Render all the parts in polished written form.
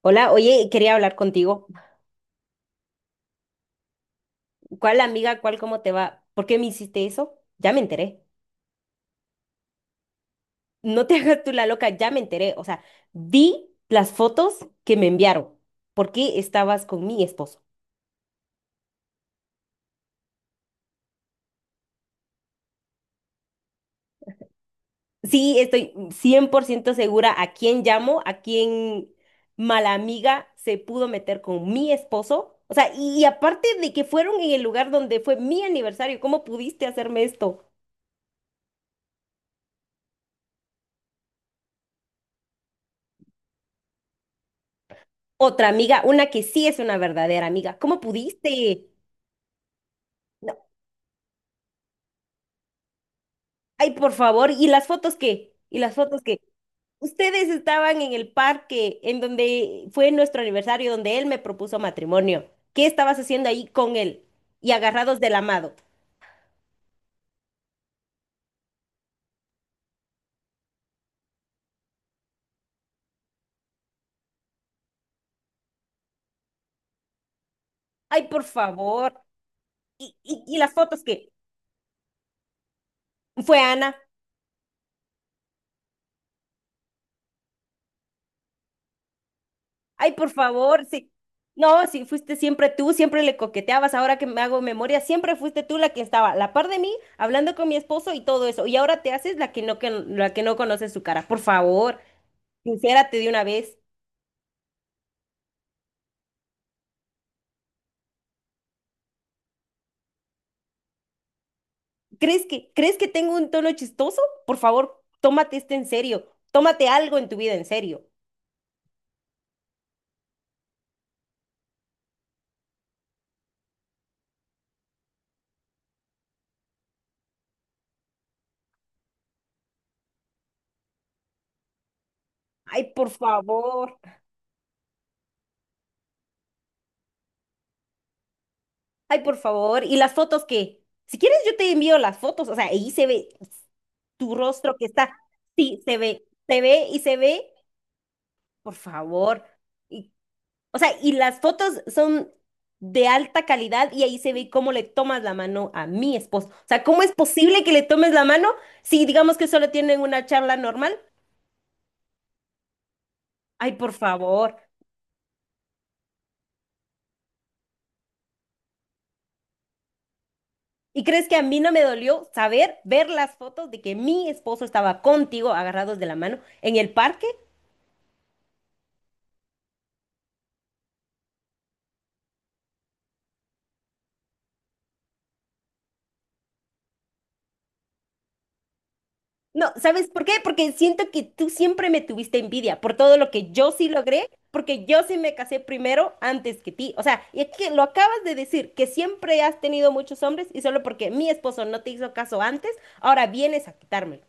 Hola, oye, quería hablar contigo. ¿Cuál amiga, cuál, cómo te va? ¿Por qué me hiciste eso? Ya me enteré. No te hagas tú la loca, ya me enteré. O sea, vi las fotos que me enviaron. ¿Por qué estabas con mi esposo? Sí, estoy 100% segura a quién llamo, a quién mala amiga se pudo meter con mi esposo. O sea, y aparte de que fueron en el lugar donde fue mi aniversario, ¿cómo pudiste hacerme esto? Otra amiga, una que sí es una verdadera amiga, ¿cómo pudiste? Ay, por favor, ¿y las fotos qué? ¿Y las fotos qué? Ustedes estaban en el parque en donde fue nuestro aniversario, donde él me propuso matrimonio. ¿Qué estabas haciendo ahí con él? Y agarrados del amado. Ay, por favor. ¿Y las fotos qué? Fue Ana. Ay, por favor, sí. No, sí, fuiste siempre tú, siempre le coqueteabas. Ahora que me hago memoria, siempre fuiste tú la que estaba a la par de mí, hablando con mi esposo y todo eso. Y ahora te haces la que no, que, la que no conoce su cara. Por favor, sincérate de una vez. ¿Crees que tengo un tono chistoso? Por favor, tómate esto en serio. Tómate algo en tu vida en serio. Ay, por favor. Ay, por favor. ¿Y las fotos qué? Si quieres, yo te envío las fotos. O sea, ahí se ve tu rostro que está. Sí, se ve. Se ve y se ve. Por favor. Y- o sea, y las fotos son de alta calidad y ahí se ve cómo le tomas la mano a mi esposo. O sea, ¿cómo es posible que le tomes la mano si digamos que solo tienen una charla normal? Ay, por favor. ¿Y crees que a mí no me dolió saber, ver las fotos de que mi esposo estaba contigo agarrados de la mano en el parque? No, ¿sabes por qué? Porque siento que tú siempre me tuviste envidia por todo lo que yo sí logré, porque yo sí me casé primero antes que ti. O sea, y es que lo acabas de decir, que siempre has tenido muchos hombres y solo porque mi esposo no te hizo caso antes, ahora vienes a quitármelo.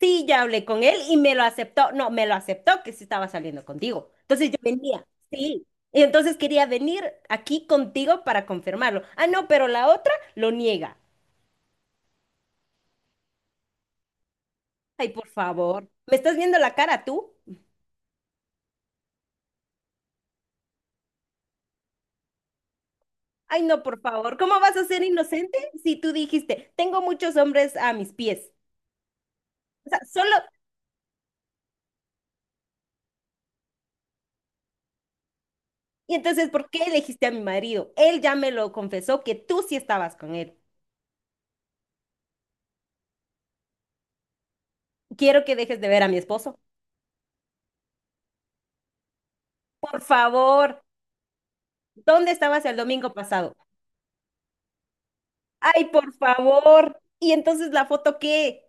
Sí, ya hablé con él y me lo aceptó. No, me lo aceptó que sí estaba saliendo contigo. Entonces yo venía, sí. Y entonces quería venir aquí contigo para confirmarlo. Ah, no, pero la otra lo niega. Ay, por favor. ¿Me estás viendo la cara tú? Ay, no, por favor. ¿Cómo vas a ser inocente si tú dijiste, tengo muchos hombres a mis pies? O sea, solo... Y entonces, ¿por qué elegiste a mi marido? Él ya me lo confesó que tú sí estabas con él. Quiero que dejes de ver a mi esposo. Por favor, ¿dónde estabas el domingo pasado? Ay, por favor. ¿Y entonces la foto qué?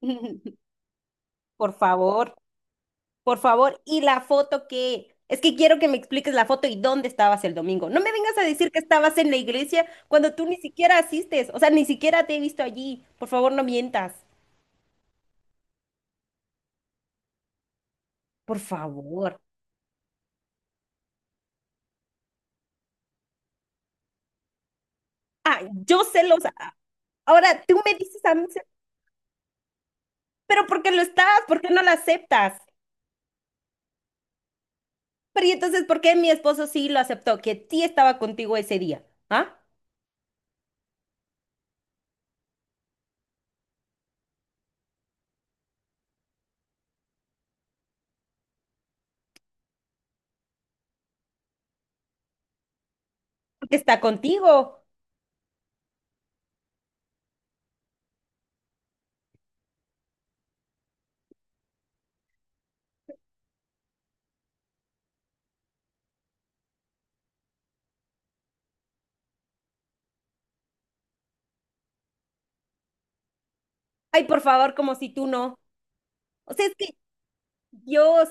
Por favor, por favor. ¿Y la foto qué? Es que quiero que me expliques la foto y dónde estabas el domingo. No me vengas a decir que estabas en la iglesia cuando tú ni siquiera asistes. O sea, ni siquiera te he visto allí. Por favor, no mientas. Por favor. Ah, yo celosa. Ahora tú me dices a mí, pero ¿por qué lo estás? ¿Por qué no lo aceptas? Pero ¿y entonces por qué mi esposo sí lo aceptó? Que sí estaba contigo ese día. ¿Ah? Porque está contigo. Ay, por favor, como si tú no. O sea, es que, Dios,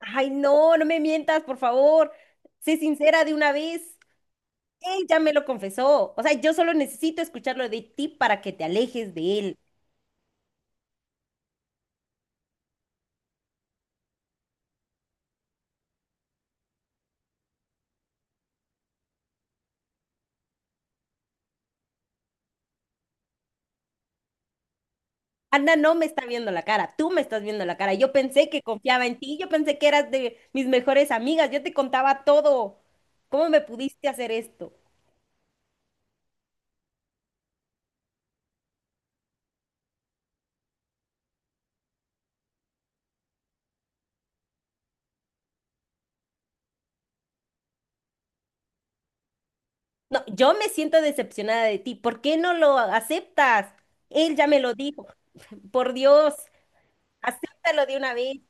ay, no, no me mientas, por favor. Sé sincera de una vez. Él ya me lo confesó. O sea, yo solo necesito escucharlo de ti para que te alejes de él. Ana no me está viendo la cara, tú me estás viendo la cara. Yo pensé que confiaba en ti, yo pensé que eras de mis mejores amigas, yo te contaba todo. ¿Cómo me pudiste hacer esto? No, yo me siento decepcionada de ti. ¿Por qué no lo aceptas? Él ya me lo dijo. Por Dios. Acéptalo de una vez.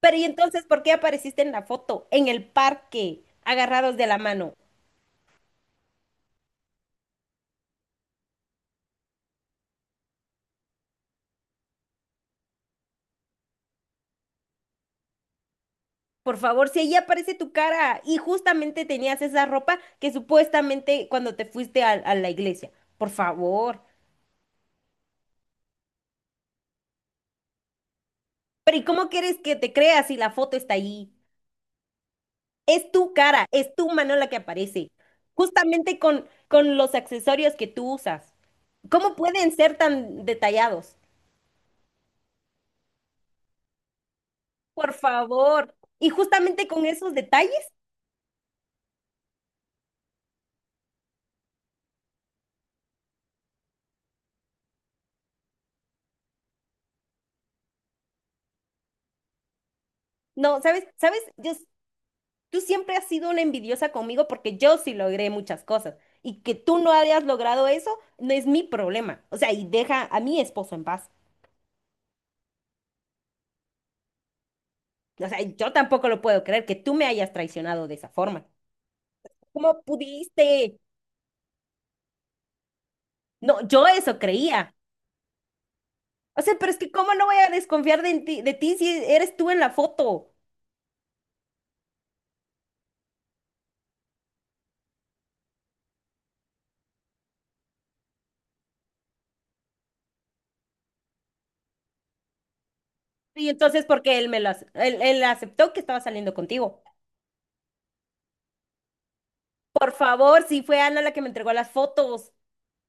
Pero ¿y entonces por qué apareciste en la foto, en el parque, agarrados de la mano? Por favor, si ahí aparece tu cara y justamente tenías esa ropa que supuestamente cuando te fuiste a, la iglesia. Por favor. Pero ¿y cómo quieres que te creas si la foto está ahí? Es tu cara, es tu mano la que aparece. Justamente con los accesorios que tú usas. ¿Cómo pueden ser tan detallados? Por favor. Y justamente con esos detalles. No, ¿sabes? ¿Sabes? Yo, tú siempre has sido una envidiosa conmigo porque yo sí logré muchas cosas. Y que tú no hayas logrado eso no es mi problema. O sea, y deja a mi esposo en paz. O sea, yo tampoco lo puedo creer que tú me hayas traicionado de esa forma. ¿Cómo pudiste? No, yo eso creía. O sea, pero es que ¿cómo no voy a desconfiar de ti si eres tú en la foto? Y entonces, ¿por qué él me lo, ac- él él aceptó que estaba saliendo contigo? Por favor, si fue Ana la que me entregó las fotos,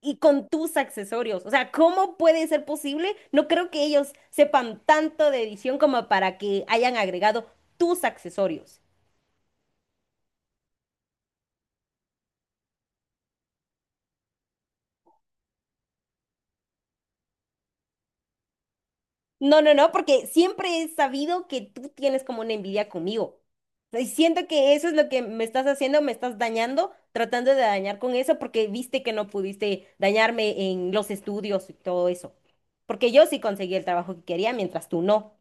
y con tus accesorios. O sea, ¿cómo puede ser posible? No creo que ellos sepan tanto de edición como para que hayan agregado tus accesorios. No, no, no, porque siempre he sabido que tú tienes como una envidia conmigo. Y siento que eso es lo que me estás haciendo, me estás dañando, tratando de dañar con eso, porque viste que no pudiste dañarme en los estudios y todo eso. Porque yo sí conseguí el trabajo que quería, mientras tú no.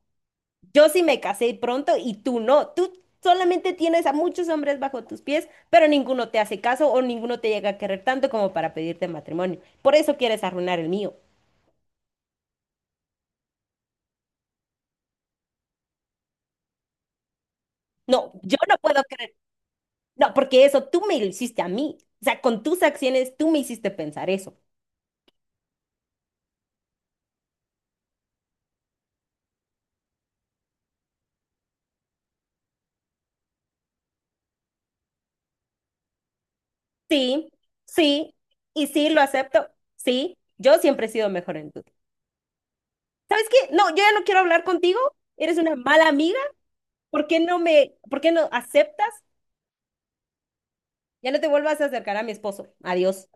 Yo sí me casé pronto y tú no. Tú solamente tienes a muchos hombres bajo tus pies, pero ninguno te hace caso o ninguno te llega a querer tanto como para pedirte matrimonio. Por eso quieres arruinar el mío. No, yo no puedo creer. No, porque eso tú me lo hiciste a mí. O sea, con tus acciones tú me hiciste pensar eso. Sí, sí, y sí, lo acepto. Sí, yo siempre he sido mejor en tú. ¿Sabes qué? No, yo ya no quiero hablar contigo. Eres una mala amiga. ¿Por qué por qué no aceptas? Ya no te vuelvas a acercar a mi esposo. Adiós.